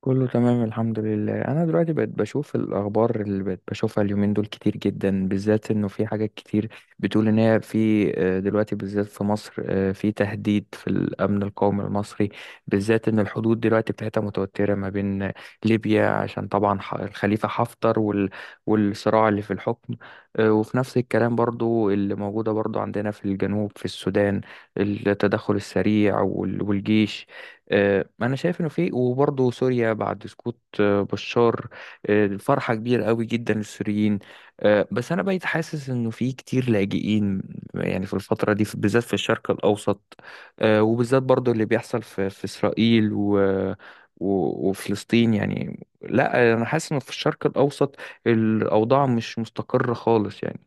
كله تمام، الحمد لله. انا دلوقتي بقيت بشوف الاخبار اللي بقيت بشوفها اليومين دول كتير جدا، بالذات انه في حاجات كتير بتقول ان هي في، دلوقتي بالذات في مصر، في تهديد في الامن القومي المصري، بالذات ان الحدود دلوقتي بتاعتها متوترة ما بين ليبيا، عشان طبعا الخليفة حفتر والصراع اللي في الحكم. وفي نفس الكلام برضو اللي موجودة برضو عندنا في الجنوب في السودان، التدخل السريع والجيش. انا شايف انه في، وبرضه سوريا بعد سقوط بشار. الفرحه كبيره قوي جدا للسوريين. بس انا بقيت حاسس انه في كتير لاجئين يعني في الفتره دي، بالذات في الشرق الاوسط. وبالذات برضه اللي بيحصل في اسرائيل وفلسطين. يعني لا، انا حاسس انه في الشرق الاوسط الاوضاع مش مستقره خالص يعني.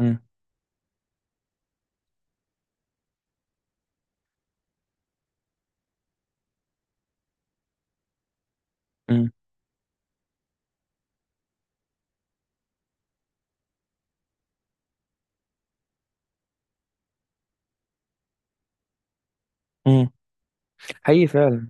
امم امم حقيقي فعلا.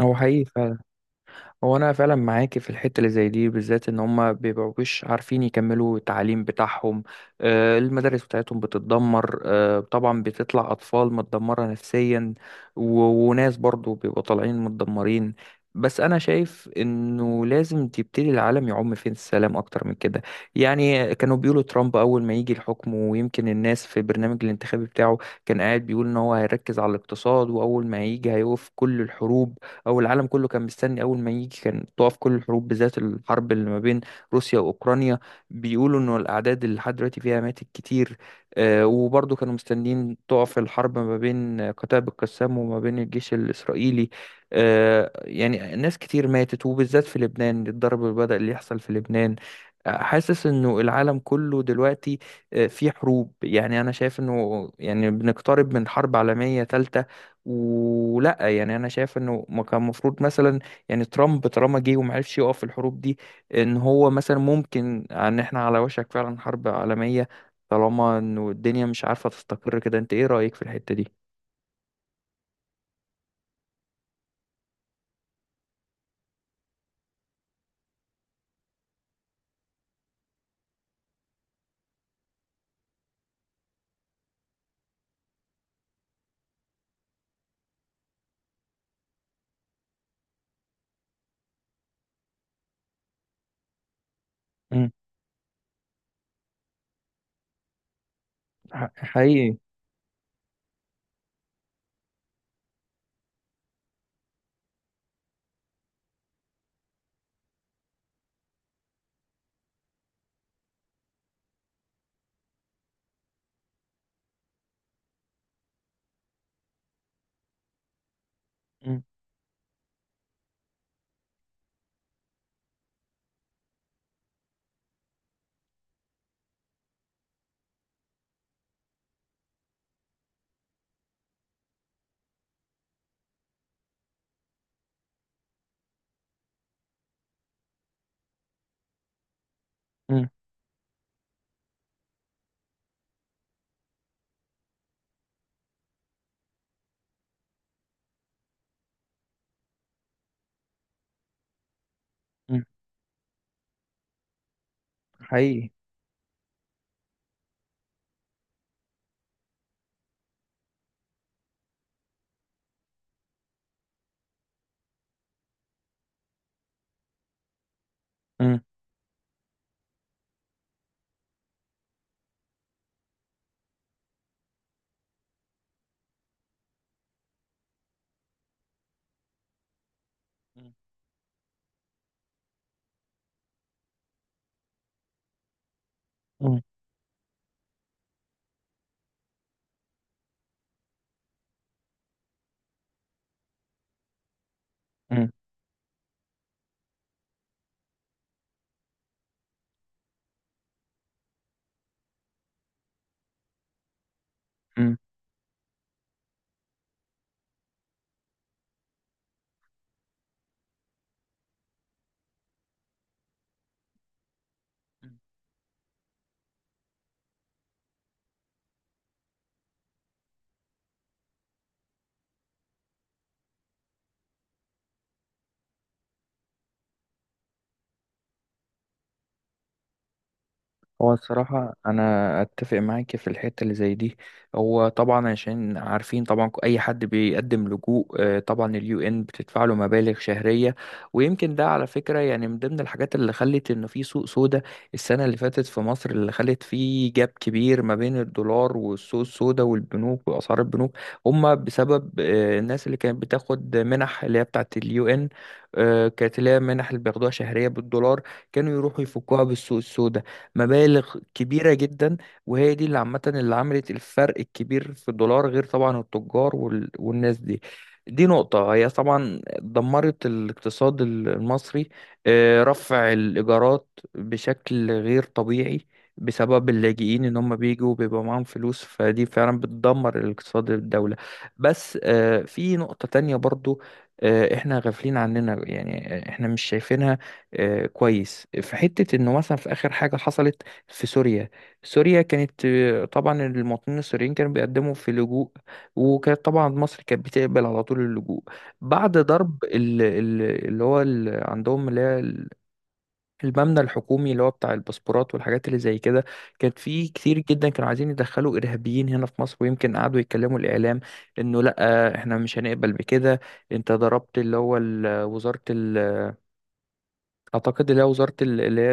هو حقيقي فعلا. هو انا فعلا معاكي في الحته اللي زي دي، بالذات ان هم بيبقوش عارفين يكملوا التعليم بتاعهم. المدارس بتاعتهم بتتدمر، طبعا بتطلع اطفال متدمره نفسيا، وناس برضو بيبقوا طالعين متدمرين. بس انا شايف انه لازم تبتدي العالم يعم فين السلام اكتر من كده. يعني كانوا بيقولوا ترامب اول ما يجي الحكم، ويمكن الناس في البرنامج الانتخابي بتاعه كان قاعد بيقول ان هو هيركز على الاقتصاد، واول ما هيجي هيوقف كل الحروب. او العالم كله كان مستني اول ما يجي كان تقف كل الحروب، بالذات الحرب اللي ما بين روسيا واوكرانيا. بيقولوا انه الاعداد اللي لحد دلوقتي فيها ماتت كتير. وبرضه كانوا مستنيين تقف الحرب ما بين قتائب القسام وما بين الجيش الاسرائيلي. يعني ناس كتير ماتت، وبالذات في لبنان الضرب اللي بدأ اللي يحصل في لبنان. حاسس انه العالم كله دلوقتي، في حروب. يعني انا شايف انه يعني بنقترب من حرب عالمية تالتة. ولا يعني انا شايف انه ما كان المفروض مثلا يعني ترامب طالما جه وما عرفش يقف في الحروب دي، ان هو مثلا ممكن ان احنا على وشك فعلا حرب عالمية، طالما انه الدنيا مش عارفة تستقر كده. انت ايه رأيك في الحتة دي؟ مم. حقيقي. مم. مم. مم. حقيقي. مم. مم. مم. مم. هو الصراحة أنا أتفق معاك في الحتة اللي زي دي. هو طبعا عشان عارفين طبعا أي حد بيقدم لجوء، طبعا اليو إن بتدفع له مبالغ شهرية. ويمكن ده على فكرة يعني من ضمن الحاجات اللي خلت إن في سوق سودا السنة اللي فاتت في مصر، اللي خلت فيه جاب كبير ما بين الدولار والسوق السودا والبنوك وأسعار البنوك. هما بسبب الناس اللي كانت بتاخد منح اللي هي بتاعت اليو إن، كانت اللي هي منح اللي بياخدوها شهرية بالدولار، كانوا يروحوا يفكوها بالسوق السودا، مبالغ كبيرة جدا. وهي دي اللي عامة اللي عملت الفرق الكبير في الدولار، غير طبعا التجار والناس دي. دي نقطة هي طبعا دمرت الاقتصاد المصري. رفع الإيجارات بشكل غير طبيعي بسبب اللاجئين، ان هم بيجوا بيبقى معاهم فلوس، فدي فعلا بتدمر الاقتصاد الدولة. بس في نقطة تانية برضو، احنا غافلين عننا يعني احنا مش شايفينها. كويس في حتة انه مثلا في اخر حاجة حصلت في سوريا. سوريا كانت، طبعا المواطنين السوريين كانوا بيقدموا في لجوء، وكانت طبعا مصر كانت بتقبل على طول اللجوء. بعد ضرب اللي هو عندهم اللي هي المبنى الحكومي اللي هو بتاع الباسبورات والحاجات اللي زي كده، كانت في كتير جدا كانوا عايزين يدخلوا ارهابيين هنا في مصر. ويمكن قعدوا يتكلموا الاعلام انه لا، احنا مش هنقبل بكده. انت ضربت اللي هو وزارة اعتقد اللي هي وزارة اللي هي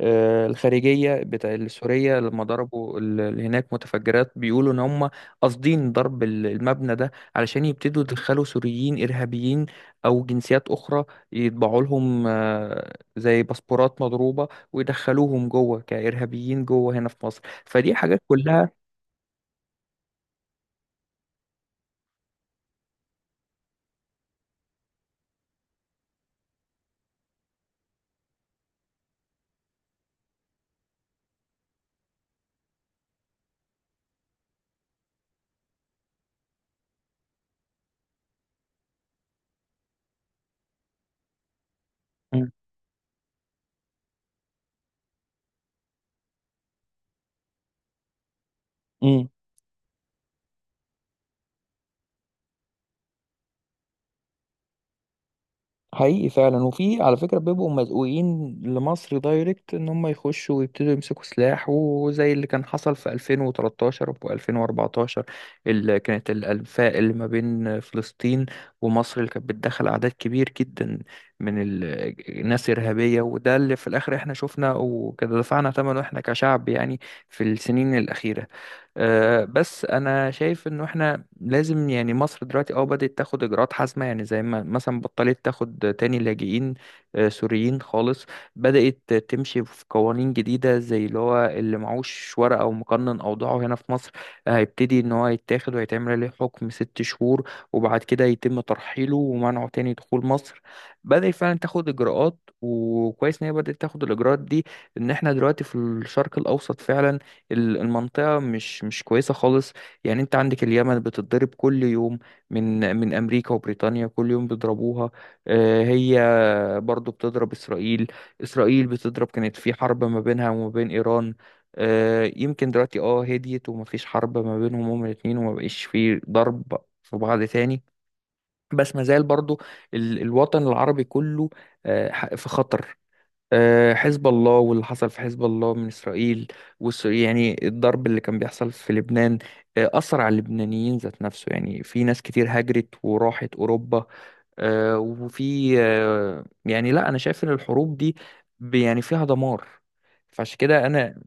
الخارجية بتاع السورية، لما ضربوا اللي هناك متفجرات. بيقولوا إن هم قاصدين ضرب المبنى ده علشان يبتدوا يدخلوا سوريين إرهابيين أو جنسيات أخرى، يطبعوا لهم زي باسبورات مضروبة ويدخلوهم جوه كإرهابيين جوه هنا في مصر. فدي حاجات كلها. مم. حقيقي فعلا. وفي على فكرة بيبقوا مزقوقين لمصر دايركت ان هم يخشوا ويبتدوا يمسكوا سلاح، وزي اللي كان حصل في 2013 و2014. اللي كانت الانفاق اللي ما بين فلسطين ومصر اللي كانت بتدخل اعداد كبير جدا من الناس ارهابية. وده اللي في الاخر احنا شفنا وكده دفعنا ثمنه احنا كشعب يعني في السنين الاخيرة. بس انا شايف انه احنا لازم يعني مصر دلوقتي بدأت تاخد اجراءات حازمه. يعني زي ما مثلا بطلت تاخد تاني لاجئين سوريين خالص. بدأت تمشي في قوانين جديده، زي اللي هو اللي معهوش ورقه او مقنن اوضاعه هنا في مصر، هيبتدي ان هو يتاخد ويتعمل عليه حكم 6 شهور وبعد كده يتم ترحيله ومنعه تاني دخول مصر. بدأت فعلا تاخد اجراءات، وكويس ان هي بدأت تاخد الاجراءات دي. ان احنا دلوقتي في الشرق الاوسط فعلا المنطقة مش كويسة خالص. يعني انت عندك اليمن بتتضرب كل يوم من امريكا وبريطانيا، كل يوم بيضربوها. هي برضو بتضرب اسرائيل. اسرائيل بتضرب، كانت في حرب ما بينها وما بين ايران. يمكن دلوقتي هديت ومفيش حرب ما بينهم هما الاتنين، وما بقيش في ضرب في بعض تاني. بس ما زال برضو الوطن العربي كله في خطر. حزب الله واللي حصل في حزب الله من إسرائيل، يعني الضرب اللي كان بيحصل في لبنان أثر على اللبنانيين ذات نفسه. يعني في ناس كتير هاجرت وراحت أوروبا. وفي يعني لا، أنا شايف إن الحروب دي يعني فيها دمار. فعشان كده أنا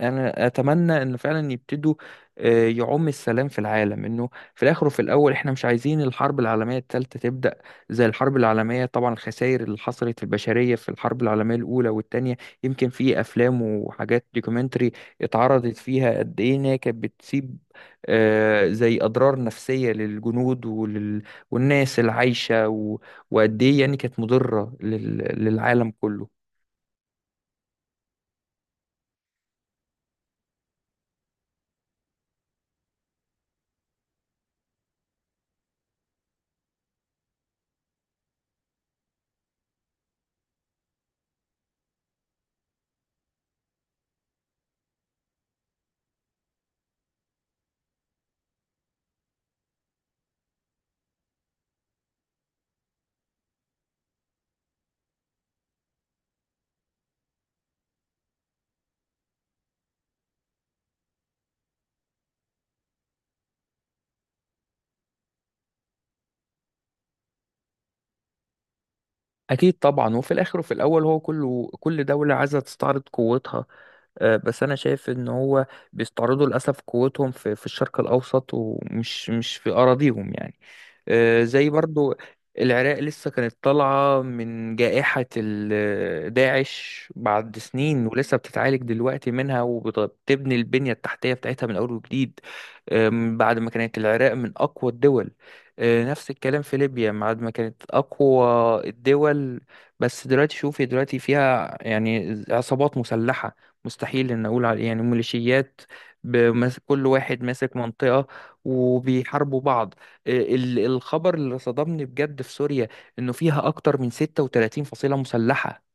انا اتمنى ان فعلا يبتدوا يعم السلام في العالم. انه في الاخر وفي الاول احنا مش عايزين الحرب العالميه الثالثه تبدا. زي الحرب العالميه طبعا الخسائر اللي حصلت في البشريه في الحرب العالميه الاولى والثانيه، يمكن في افلام وحاجات دوكيومنتري اتعرضت فيها قد ايه ان هي كانت بتسيب زي اضرار نفسيه للجنود والناس العايشه وقد ايه يعني كانت مضره للعالم كله. أكيد طبعا، وفي الآخر وفي الأول هو كله كل دولة عايزة تستعرض قوتها. بس انا شايف ان هو بيستعرضوا للاسف قوتهم في الشرق الاوسط، ومش مش في اراضيهم يعني. زي برضو العراق لسه كانت طالعة من جائحة داعش بعد سنين، ولسه بتتعالج دلوقتي منها وبتبني البنية التحتية بتاعتها من أول وجديد. بعد ما كانت العراق من أقوى الدول. نفس الكلام في ليبيا بعد ما كانت أقوى الدول. بس دلوقتي شوفي دلوقتي فيها يعني عصابات مسلحة، مستحيل ان اقول على يعني ميليشيات، كل واحد ماسك منطقة وبيحاربوا بعض. الخبر اللي صدمني بجد في سوريا انه فيها اكتر من 36 فصيلة مسلحة،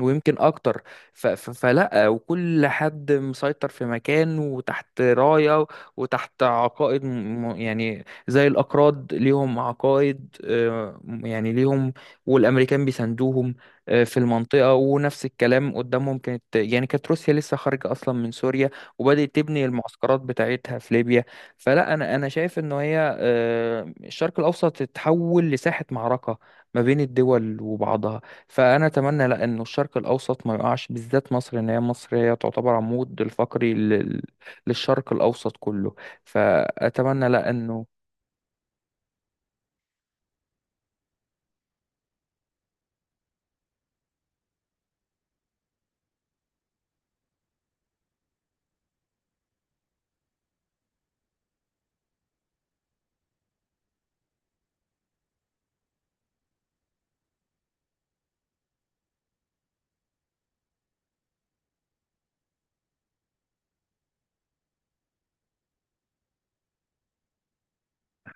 ويمكن اكتر. فلا، وكل حد مسيطر في مكان وتحت راية وتحت عقائد، يعني زي الاكراد ليهم عقائد، يعني ليهم، والامريكان بيساندوهم في المنطقة. ونفس الكلام قدامهم، كانت يعني كانت روسيا لسه خارجة اصلا من سوريا وبدأت تبني المعسكرات بتاعتها في ليبيا. فلا انا شايف ان هي الشرق الاوسط اتحول لساحة معركة ما بين الدول وبعضها. فانا اتمنى لا، انه الشرق الاوسط ما يقعش، بالذات مصر، ان هي مصر هي تعتبر عمود الفقري للشرق الاوسط كله. فاتمنى لا انه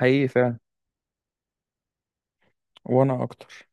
حقيقي فعلا. وانا اكتر.